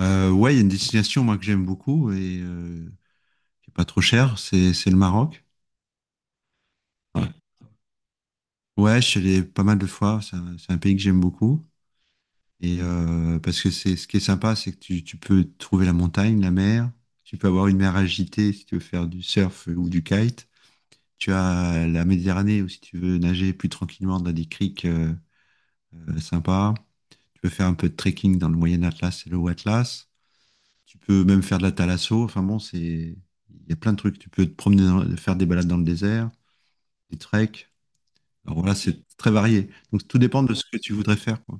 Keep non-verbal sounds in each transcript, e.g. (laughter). Ouais, il y a une destination moi que j'aime beaucoup et qui est pas trop chère, c'est le Maroc. Ouais. Ouais, je suis allé pas mal de fois. C'est un pays que j'aime beaucoup et parce que c'est ce qui est sympa, c'est que tu peux trouver la montagne, la mer. Tu peux avoir une mer agitée si tu veux faire du surf ou du kite. Tu as la Méditerranée où si tu veux nager plus tranquillement dans des criques sympas. Tu peux faire un peu de trekking dans le Moyen Atlas et le Haut Atlas. Tu peux même faire de la thalasso. Enfin bon, il y a plein de trucs. Tu peux te promener, faire des balades dans le désert, des treks. Alors voilà, c'est très varié. Donc tout dépend de ce que tu voudrais faire, quoi.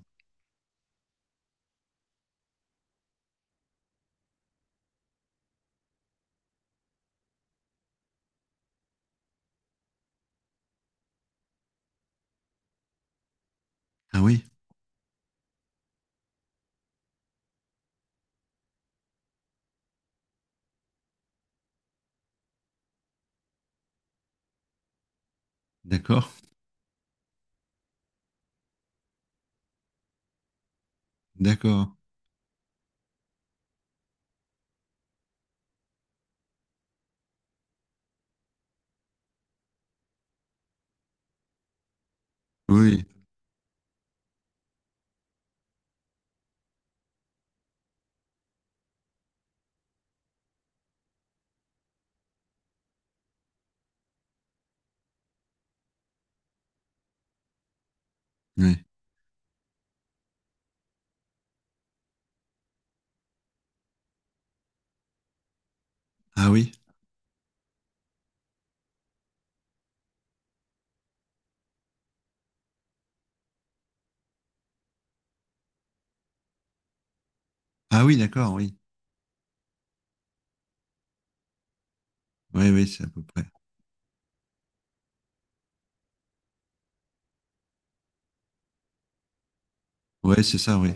Ah oui, d'accord, d'accord. Oui, oui. Ah oui, ah oui, d'accord, oui. Oui, oui, c'est à peu près. Ouais, c'est ça, oui.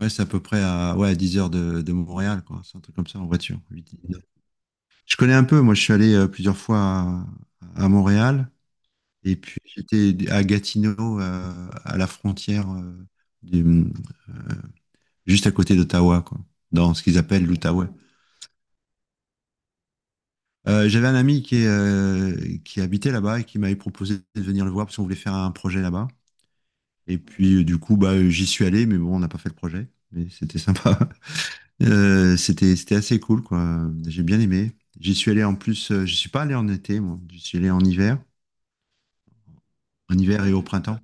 Ouais, c'est à peu près à, ouais, à 10 heures de Montréal, quoi. C'est un truc comme ça en voiture. 8, 10 heures. Je connais un peu, moi je suis allé plusieurs fois à Montréal. Et puis j'étais à Gatineau, à la frontière, du- juste à côté d'Ottawa, quoi, dans ce qu'ils appellent l'Outaouais. J'avais un ami qui habitait là-bas et qui m'avait proposé de venir le voir parce qu'on voulait faire un projet là-bas. Et puis du coup, bah, j'y suis allé, mais bon, on n'a pas fait le projet. Mais c'était sympa. (laughs) C'était assez cool, quoi. J'ai bien aimé. J'y suis allé en plus, je suis pas allé en été, moi. J'y suis allé en hiver et au printemps.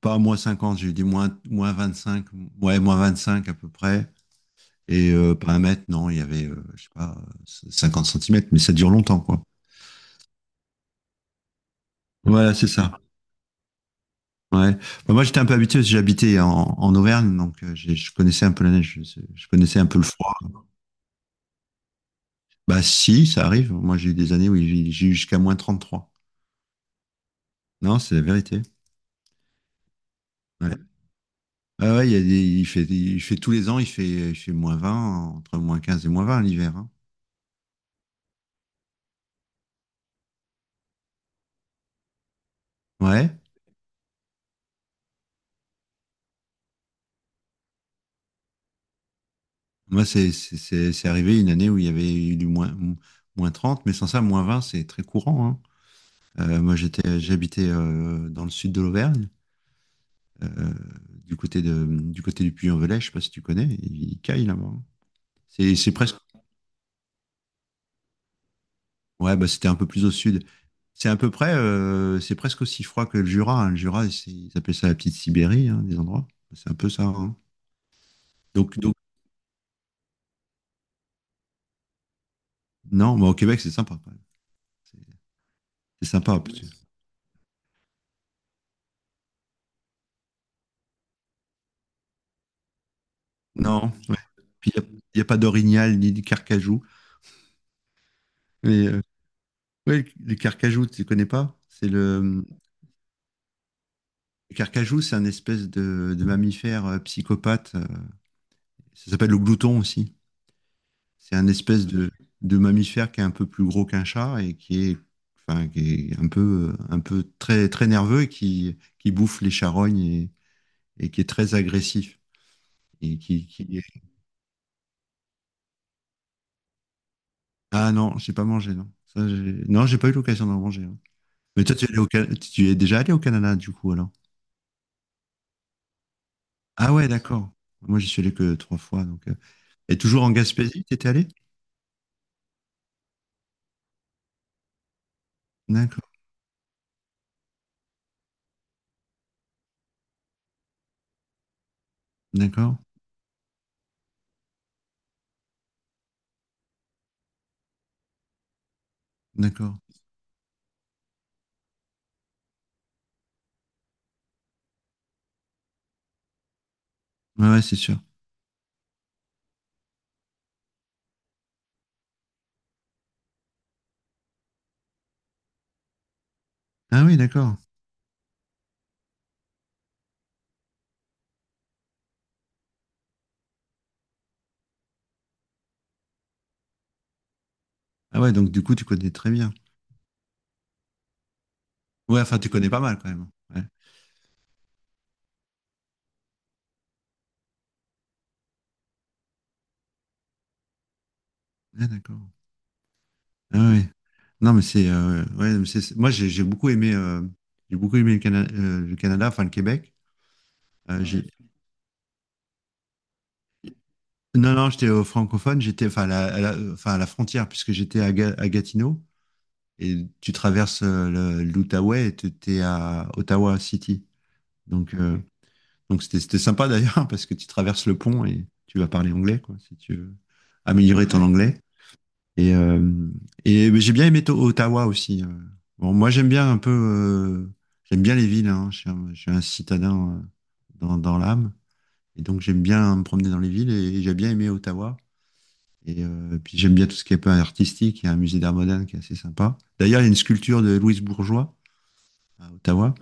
Pas moins 50, j'ai dit -25, ouais, -25 à peu près. Et pas un mètre, non, il y avait, je sais pas, 50 cm, mais ça dure longtemps, quoi. Voilà, c'est ça. Ouais. Bah, moi, j'étais un peu habitué, parce que j'habitais en Auvergne, donc je connaissais un peu la neige, je connaissais un peu le froid. Bah si, ça arrive. Moi, j'ai eu des années où j'ai eu jusqu'à -33. Non, c'est la vérité. Ouais. Ah ouais, il y a des, il fait tous les ans, il fait -20 entre -15 et -20 l'hiver, hein. Ouais. Moi, c'est arrivé une année où il y avait eu du -30, mais sans ça, -20, c'est très courant, hein. Moi, j'habitais dans le sud de l'Auvergne, euh, du côté du Puy-en-Velay, je sais pas si tu connais, il caille là-bas, hein. C'est c'est presque, ouais, bah, c'était un peu plus au sud. C'est à peu près, c'est presque aussi froid que le Jura, hein. Le Jura, ils appellent ça la petite Sibérie, hein, des endroits. C'est un peu ça, hein. Donc, non, mais au Québec, c'est sympa quand même. C'est c'est sympa. Non, ouais. Puis y a pas d'orignal ni de carcajou. Mais euh, ouais, le carcajou, tu ne connais pas? Le carcajou, c'est un espèce de mammifère psychopathe. Ça s'appelle le glouton aussi. C'est un espèce de mammifère qui est un peu plus gros qu'un chat et enfin, qui est un peu très, très nerveux et qui bouffe les charognes et qui est très agressif. Et qui, qui... Ah non, j'ai pas mangé, non. Non, j'ai pas eu l'occasion d'en manger, hein. Mais toi, tu es déjà allé au Canada, du coup, alors? Ah ouais, d'accord. Moi, j'y suis allé que trois fois. Et toujours en Gaspésie, tu étais allé? D'accord, d'accord, d'accord. Ouais, ouais, c'est sûr. Ah oui, d'accord. Ah ouais, donc du coup, tu connais très bien. Ouais, enfin, tu connais pas mal quand même. Ouais, ouais, d'accord. Ah ouais. Non, mais c'est. Ouais, moi, j'ai beaucoup aimé, le Canada, enfin, le Québec. Euh, j'ai- Non, non, j'étais au francophone, j'étais enfin, à la frontière, puisque j'étais à Gatineau. Et tu traverses l'Outaouais et tu es à Ottawa City. Donc, euh, donc, c'était sympa d'ailleurs (laughs) parce que tu traverses le pont et tu vas parler anglais, quoi, si tu veux améliorer ton anglais. Et, euh, et mais j'ai bien aimé Ottawa aussi. Bon, moi, j'aime bien un peu, j'aime bien les villes, hein. Je suis un citadin dans l'âme. Et donc, j'aime bien me promener dans les villes j'ai bien aimé Ottawa. Et puis, j'aime bien tout ce qui est un peu artistique. Il y a un musée d'art moderne qui est assez sympa. D'ailleurs, il y a une sculpture de Louise Bourgeois à Ottawa.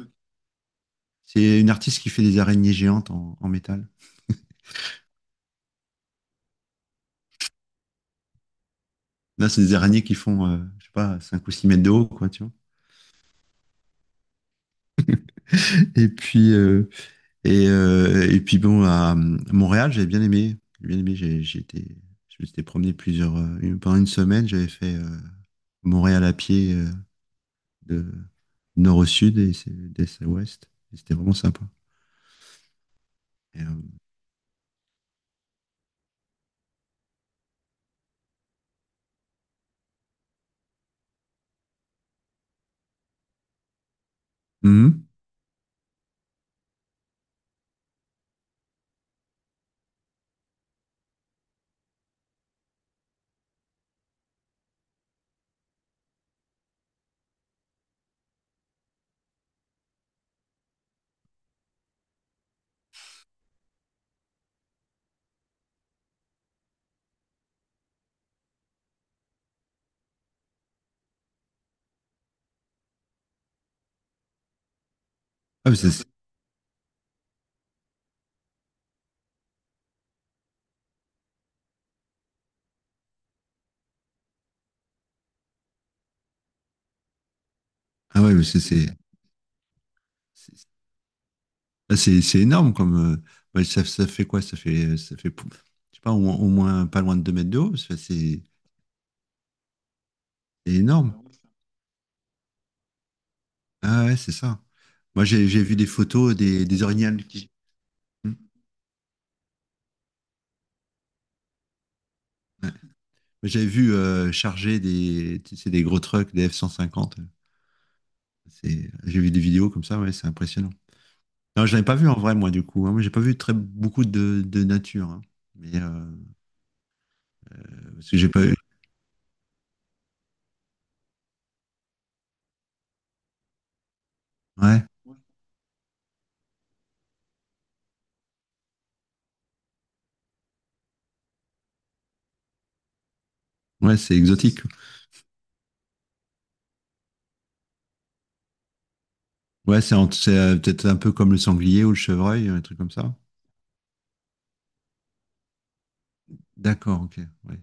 C'est une artiste qui fait des araignées géantes en métal. Là, c'est des araignées qui font, je sais pas, 5 ou 6 mètres de haut, quoi, tu vois. Et puis, euh, et puis bon, à Montréal, j'ai bien aimé. J'ai bien aimé, je me suis été promené pendant une semaine, j'avais fait Montréal à pied de nord au sud d'est à ouest. Et c'était vraiment sympa. Et, euh, mhm. Ah, mais c'est- ah ouais, c'est- Là, c'est énorme comme. Ouais, ça fait quoi? Ça fait, je sais pas, au moins pas loin de 2 mètres de haut. C'est énorme. Ah ouais, c'est ça. Moi, j'ai vu des photos des orignales qui. Hmm. J'avais vu charger tu sais, des gros trucks, des F-150. J'ai vu des vidéos comme ça, ouais, c'est impressionnant. Non, je l'avais pas vu en vrai, moi, du coup, hein. Moi, j'ai pas vu très beaucoup de nature, hein. Mais, euh, Parce que j'ai pas eu. Ouais, ouais, c'est exotique. Ouais, c'est peut-être un peu comme le sanglier ou le chevreuil, un truc comme ça. D'accord, ok. Ouais,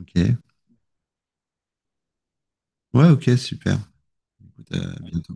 ok, ouais, ok super. Écoute, à bientôt.